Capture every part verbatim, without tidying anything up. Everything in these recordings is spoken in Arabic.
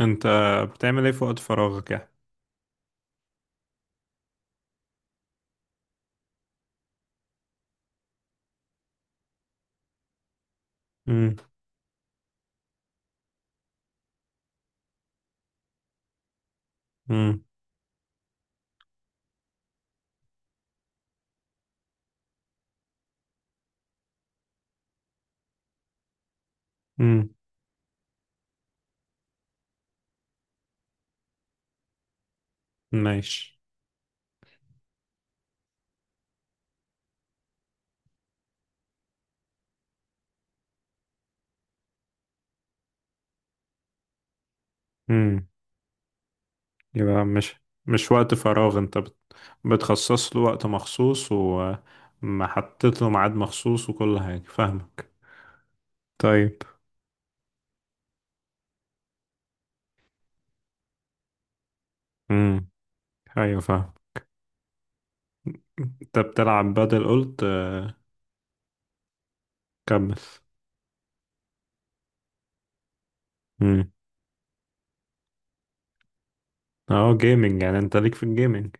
انت بتعمل ايه في وقت فراغك يعني؟ امم. امم. امم. ماشي. امم. يبقى مش مش وقت فراغ انت بت... بتخصص له وقت مخصوص ومحطط له ميعاد مخصوص وكل حاجة، فاهمك. طيب. امم. ايوه، فاهم. انت بتلعب بدل قلت، آه، كمل. امم. اه، جيمنج، يعني انت ليك في الجيمنج.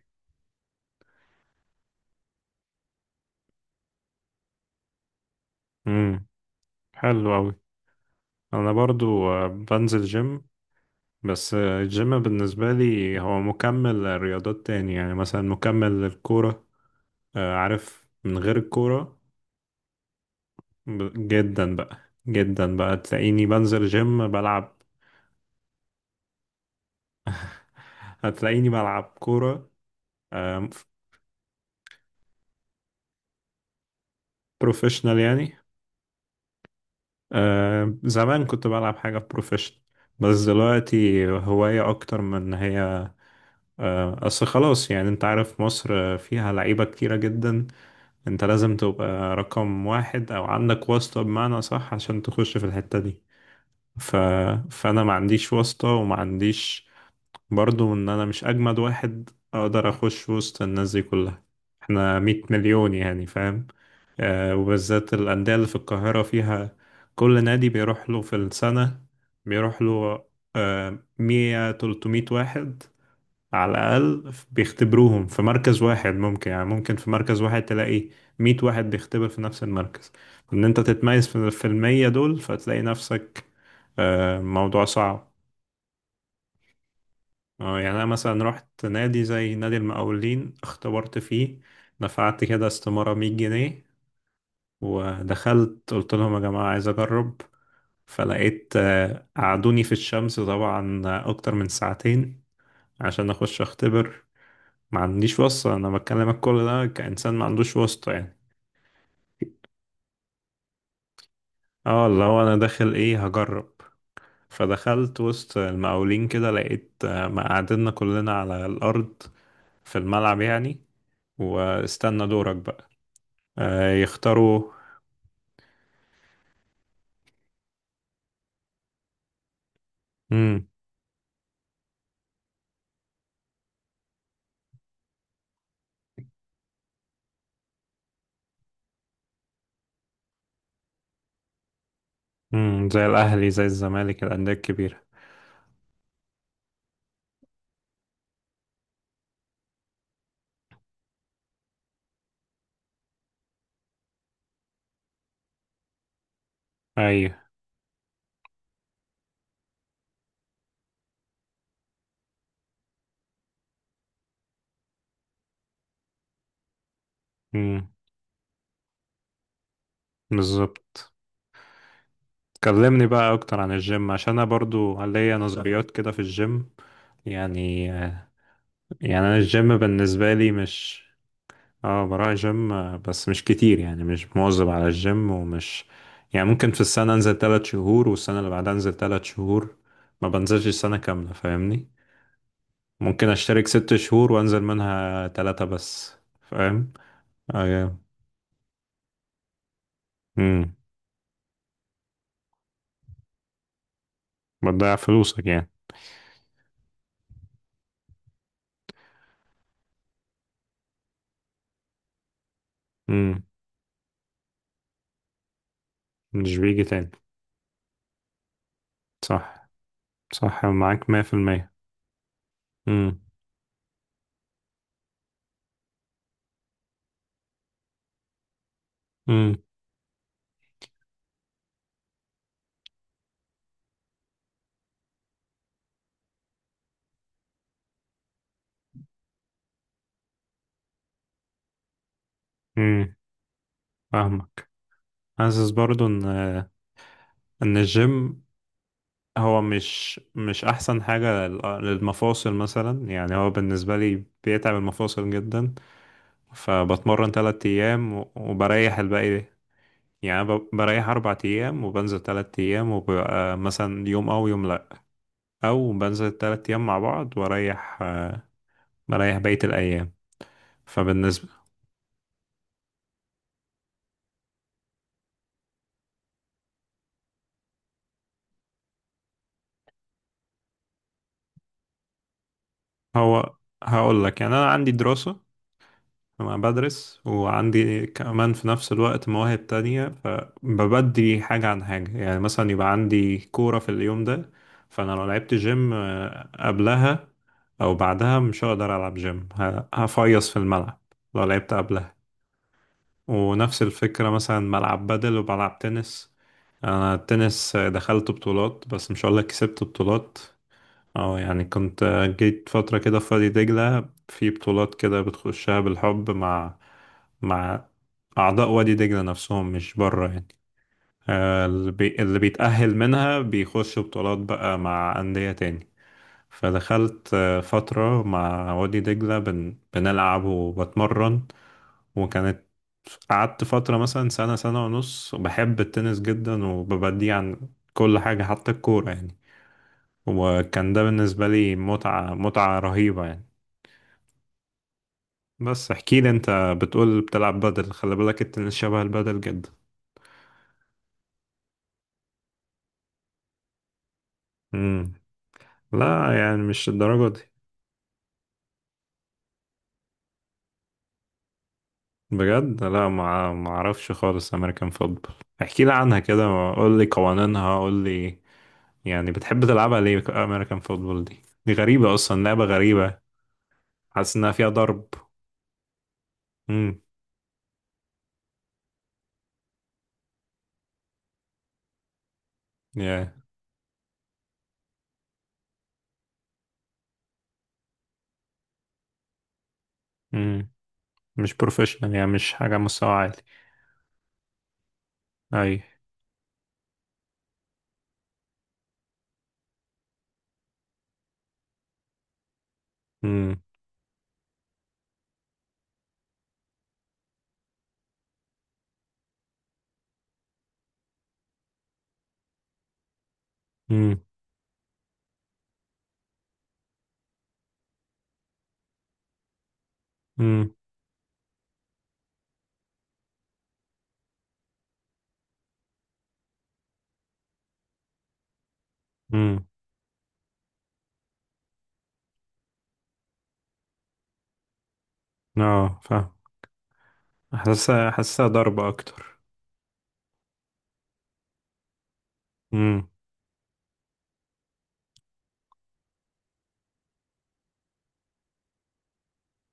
امم. حلو اوي. انا برضو، آه، بنزل جيم، بس الجيم بالنسبة لي هو مكمل لرياضات تاني، يعني مثلا مكمل للكورة. آه، عارف، من غير الكورة ب- جدا بقى، جدا بقى تلاقيني بنزل جيم بلعب. هتلاقيني بلعب كورة بروفيشنال يعني. آه، زمان كنت بلعب حاجة بروفيشنال، بس دلوقتي هواية أكتر من إن هي. آه، أصل خلاص، يعني أنت عارف، مصر فيها لعيبة كتيرة جدا. انت لازم تبقى رقم واحد او عندك واسطة بمعنى صح عشان تخش في الحتة دي. ف... فانا ما عنديش واسطة وما عنديش برضو ان انا مش اجمد واحد اقدر اخش وسط الناس دي كلها. احنا 100 مليون، يعني فاهم. آه، وبالذات الاندية اللي في القاهرة فيها، كل نادي بيروح له في السنة، بيروح له، آه، مية تلتمية واحد على الأقل بيختبروهم في مركز واحد. ممكن يعني ممكن في مركز واحد تلاقي مية واحد بيختبر في نفس المركز. إن أنت تتميز في في المية دول فتلاقي نفسك. آه، موضوع صعب. آه، يعني أنا مثلا رحت نادي زي نادي المقاولين، اختبرت فيه، دفعت كده استمارة مية جنيه، ودخلت قلت لهم يا جماعة عايز أجرب. فلقيت، آه، قعدوني في الشمس طبعا أكتر من ساعتين عشان أخش أختبر. ما عنديش واسطة، انا بكلمك كل ده كإنسان ما عندوش واسطة يعني. اه، اللي هو انا داخل ايه هجرب. فدخلت وسط المقاولين كده لقيت، آه، مقعدنا كلنا على الارض، في الملعب يعني، واستنى دورك بقى. آه، يختاروا. امم. امم، زي الاهلي زي الزمالك، الانديه الكبيره. ايوه. امم. بالظبط. كلمني بقى اكتر عن الجيم، عشان انا برضو ليا نظريات كده في الجيم، يعني، آه، يعني انا الجيم بالنسبه لي مش. اه، بروح جيم، آه، بس مش كتير، يعني مش مواظب على الجيم، ومش يعني ممكن في السنة انزل تلات شهور، والسنة اللي بعدها انزل تلات شهور، ما بنزلش سنة كاملة، فاهمني. ممكن اشترك ست شهور وانزل منها تلاتة بس، فاهم. اه. امم. بتضيع فلوسك يعني. امم. مش بيجي تاني. صح. صح، معاك مية في المية. امم. امم. امم. فاهمك. حاسس برضو ان ان الجيم هو مش مش احسن حاجة لل- للمفاصل مثلا، يعني هو بالنسبة لي بيتعب المفاصل جدا. فبتمرن تلات ايام و- وبريح الباقي، يعني ب- بريح اربع ايام وبنزل تلات ايام، وبيبقى مثلا يوم او يوم لا، او بنزل تلات ايام مع بعض واريح، بريح بقية الايام. فبالنسبة، هو هقول لك، يعني انا عندي دراسة، أنا بدرس وعندي كمان في نفس الوقت مواهب تانية، فببدي حاجة عن حاجة، يعني مثلا يبقى عندي كورة في اليوم ده، فأنا لو لعبت جيم، آه، قبلها أو بعدها مش هقدر ألعب جيم، ه- هفيص في الملعب لو لعبت قبلها. ونفس الفكرة مثلا ملعب بدل وبلعب تنس. أنا التنس، آه، دخلت بطولات، بس مش هقولك كسبت بطولات. اه، يعني كنت جيت فترة كده في وادي دجلة في بطولات كده بتخشها بالحب مع مع أعضاء وادي دجلة نفسهم، مش بره يعني. آه، اللي بي- اللي بيتأهل منها بيخش بطولات بقى مع أندية تاني. فدخلت، آه، فترة مع وادي دجلة بن... بنلعب وبتمرن، وكانت قعدت فترة مثلا سنة، سنة ونص، بحب التنس جدا وببديه عن كل حاجة حتى الكورة يعني. وكان ده بالنسبة لي متعة، متعة رهيبة يعني. بس احكي لي انت. بتقول بتلعب بدل، خلي بالك التنس شبه البدل جدا. امم. لا يعني مش الدرجة دي. بجد؟ لا، ما ما اعرفش خالص امريكان فوتبول. احكي لي عنها كده. قول لي قوانينها، قول لي يعني بتحب تلعبها ليه. امريكان فوتبول دي دي غريبة اصلا، لعبة غريبة. حاسس انها فيها ضرب. امم. يا. امم. مش بروفيشنال يعني، مش حاجة مستوى عالي. اي. امم. امم. امم. اه، فاهم. حاسسها، حاسسها ضربة أكتر. امم.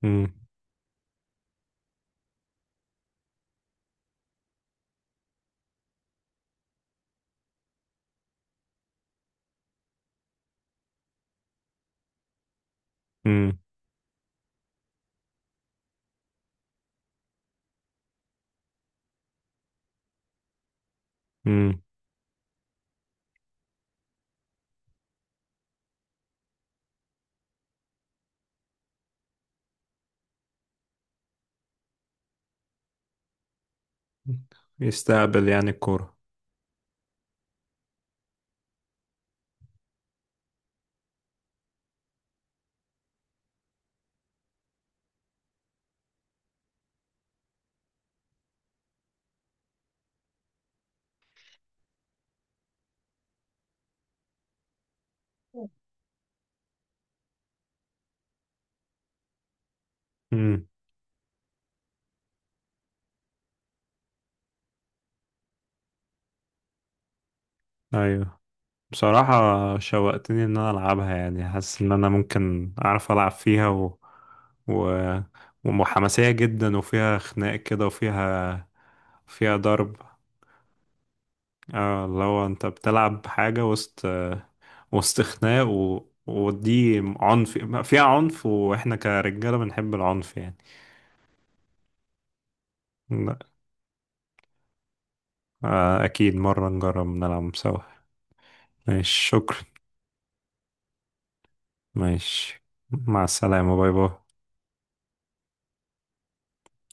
امم. امم. امم. يستقبل يعني الكورة. امم. أيوه. بصراحة شوقتني إن أنا ألعبها. يعني حاسس إن أنا ممكن أعرف ألعب فيها، و... و... ومحمسية جدا، وفيها خناق كده، وفيها فيها ضرب. اه، اللي هو أنت بتلعب حاجة وسط، وسط خناق، و... ودي عنف، فيها عنف، واحنا كرجالة بنحب العنف يعني. آه، أكيد مرة نجرب نلعب سوا. ماشي، شكرا. ماشي، مع السلامة، باي باي.